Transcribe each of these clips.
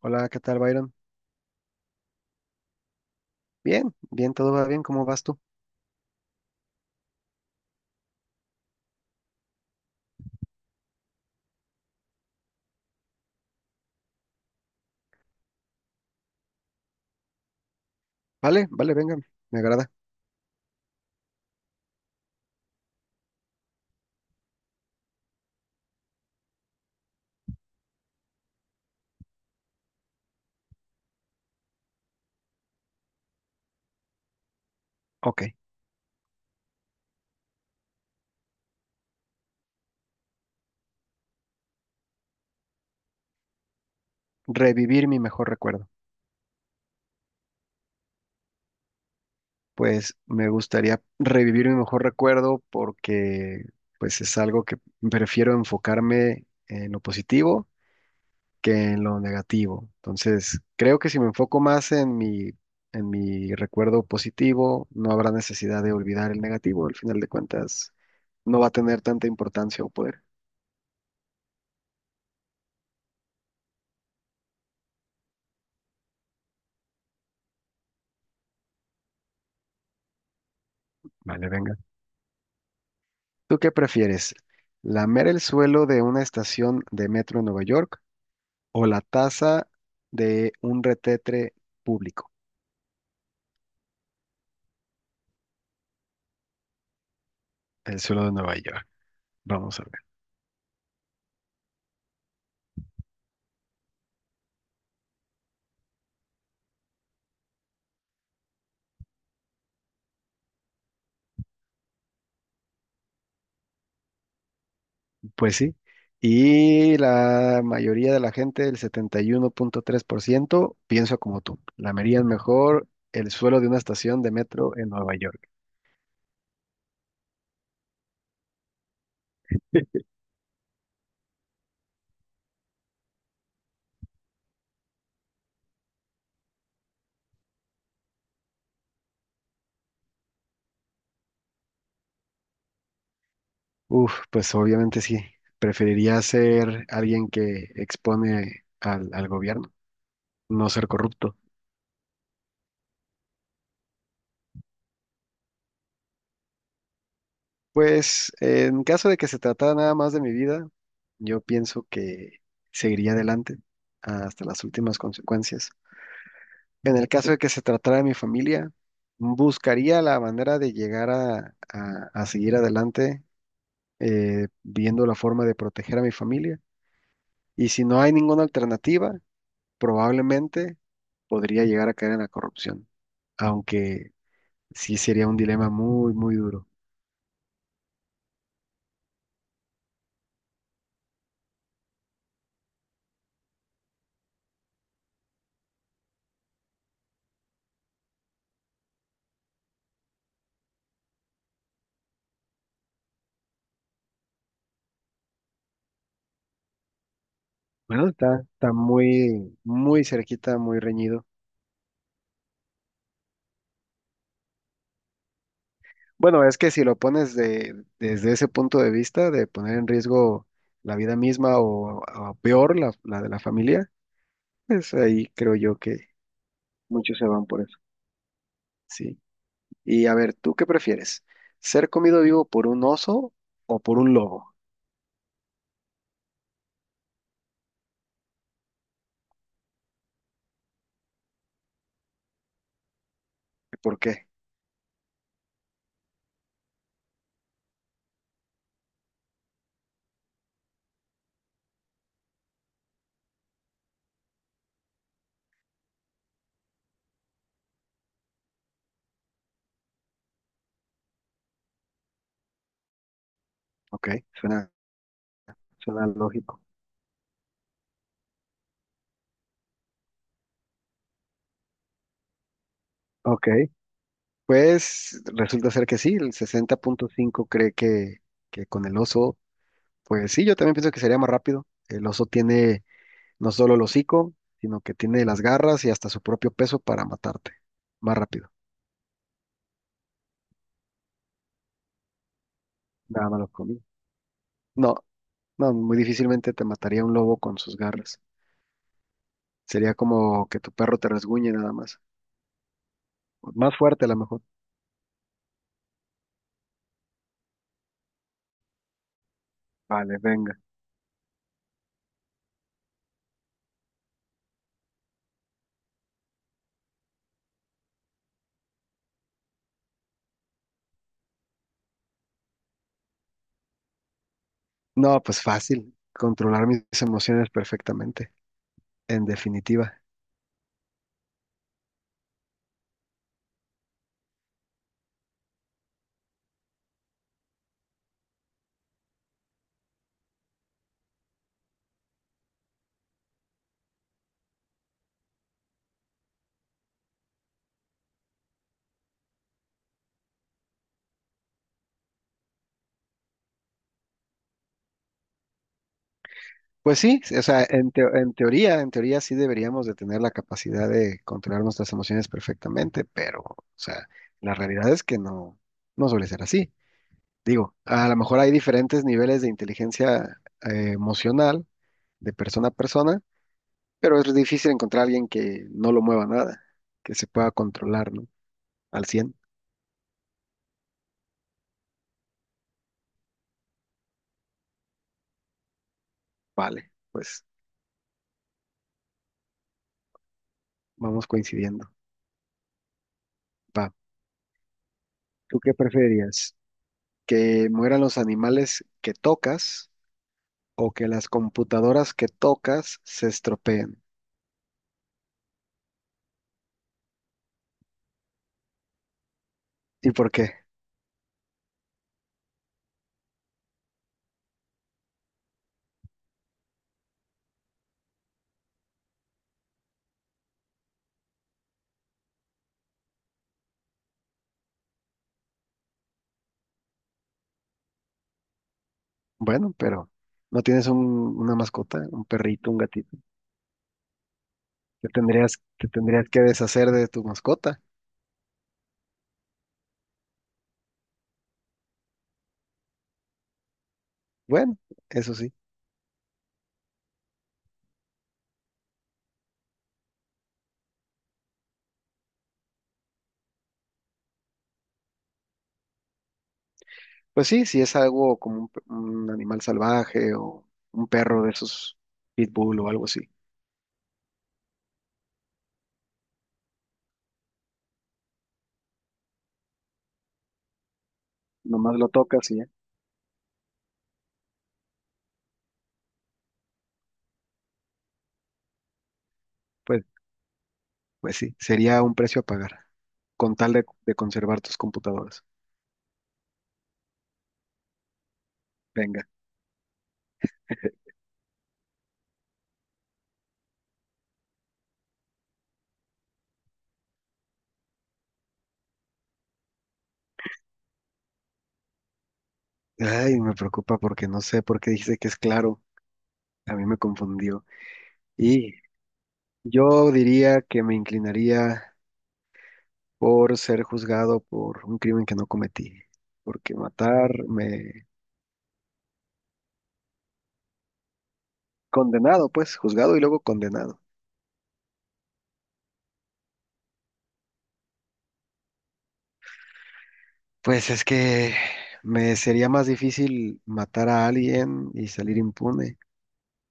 Hola, ¿qué tal, Byron? Bien, bien, todo va bien, ¿cómo vas tú? Vale, vale, venga, me agrada. Ok, revivir mi mejor recuerdo. Pues me gustaría revivir mi mejor recuerdo porque pues es algo que prefiero enfocarme en lo positivo que en lo negativo. Entonces, creo que si me enfoco más en mi recuerdo positivo, no habrá necesidad de olvidar el negativo. Al final de cuentas, no va a tener tanta importancia o poder. Vale, venga. ¿Tú qué prefieres? ¿Lamer el suelo de una estación de metro en Nueva York o la taza de un retetre público? El suelo de Nueva York. Vamos a ver. Pues sí. Y la mayoría de la gente, el 71,3%, piensa como tú. Lamerían mejor el suelo de una estación de metro en Nueva York. Uf, pues obviamente sí. Preferiría ser alguien que expone al gobierno, no ser corrupto. Pues en caso de que se tratara nada más de mi vida, yo pienso que seguiría adelante hasta las últimas consecuencias. En el caso de que se tratara de mi familia, buscaría la manera de llegar a seguir adelante, viendo la forma de proteger a mi familia. Y si no hay ninguna alternativa, probablemente podría llegar a caer en la corrupción, aunque sí sería un dilema muy, muy duro. Bueno, está muy, muy cerquita, muy reñido. Bueno, es que si lo pones desde ese punto de vista, de poner en riesgo la vida misma o peor, la de la familia, pues ahí creo yo que muchos se van por eso. Sí. Y a ver, ¿tú qué prefieres? ¿Ser comido vivo por un oso o por un lobo? ¿Y por qué? Ok, suena, suena lógico. Ok, pues resulta ser que sí, el 60,5 cree que con el oso, pues sí, yo también pienso que sería más rápido. El oso tiene no solo el hocico, sino que tiene las garras y hasta su propio peso para matarte. Más rápido. Nada más lo comí. No, no, muy difícilmente te mataría un lobo con sus garras. Sería como que tu perro te resguñe nada más. Más fuerte a lo mejor. Vale, venga. No, pues fácil. Controlar mis emociones perfectamente, en definitiva. Pues sí, o sea, en teoría sí deberíamos de tener la capacidad de controlar nuestras emociones perfectamente, pero, o sea, la realidad es que no suele ser así. Digo, a lo mejor hay diferentes niveles de inteligencia emocional de persona a persona, pero es difícil encontrar a alguien que no lo mueva nada, que se pueda controlar, ¿no? Al cien. Vale, pues vamos coincidiendo. Va. ¿Tú qué preferirías? ¿Que mueran los animales que tocas o que las computadoras que tocas se estropeen? ¿Y por qué? Bueno, pero no tienes una mascota, un perrito, un gatito. Te tendrías que deshacer de tu mascota. Bueno, eso sí. Pues sí, si es algo como un animal salvaje o un perro de esos pitbull o algo así. Nomás lo tocas y ya. Pues, pues sí, sería un precio a pagar con tal de conservar tus computadoras. Venga. Ay, me preocupa porque no sé por qué dijiste que es claro. A mí me confundió. Y yo diría que me inclinaría por ser juzgado por un crimen que no cometí. Porque matar me. Condenado, pues, juzgado y luego condenado. Pues es que me sería más difícil matar a alguien y salir impune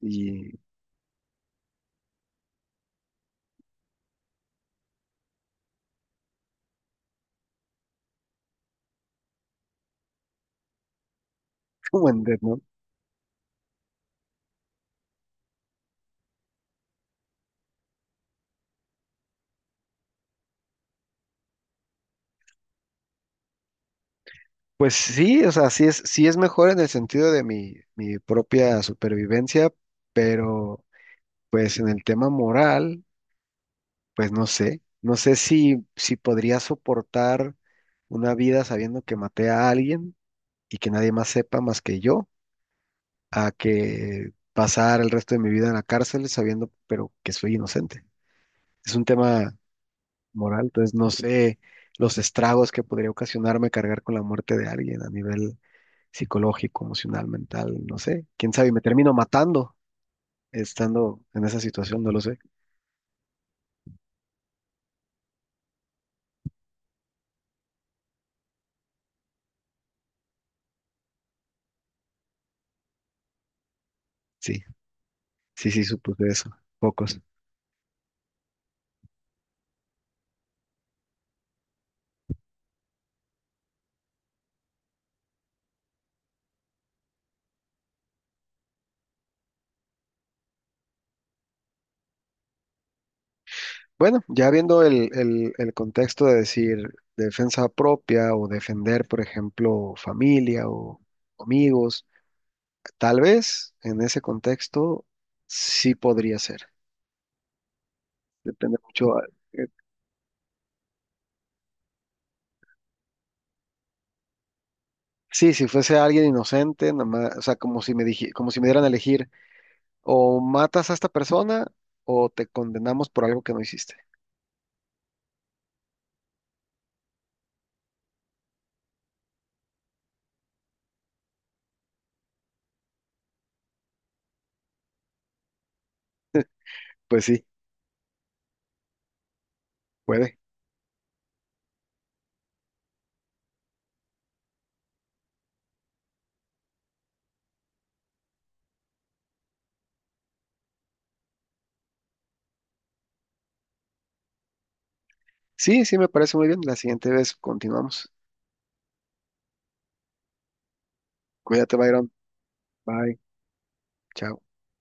y como en Death Pues sí, o sea, sí es mejor en el sentido de mi propia supervivencia, pero pues en el tema moral, pues no sé si podría soportar una vida sabiendo que maté a alguien y que nadie más sepa más que yo, a que pasar el resto de mi vida en la cárcel sabiendo, pero que soy inocente. Es un tema moral. Entonces, no sé los estragos que podría ocasionarme cargar con la muerte de alguien a nivel psicológico, emocional, mental, no sé. Quién sabe, y me termino matando estando en esa situación, no lo sé. Sí, sí, sí, supuse eso. Pocos. Bueno, ya viendo el contexto de decir defensa propia o defender, por ejemplo, familia o amigos, tal vez en ese contexto sí podría ser. Depende mucho. Sí, si fuese alguien inocente, nomás, o sea, como si me dieran a elegir, o matas a esta persona o te condenamos por algo que no hiciste. Pues sí, puede. Sí, sí, me parece muy bien. La siguiente vez continuamos. Cuídate, Byron. Bye. Chao.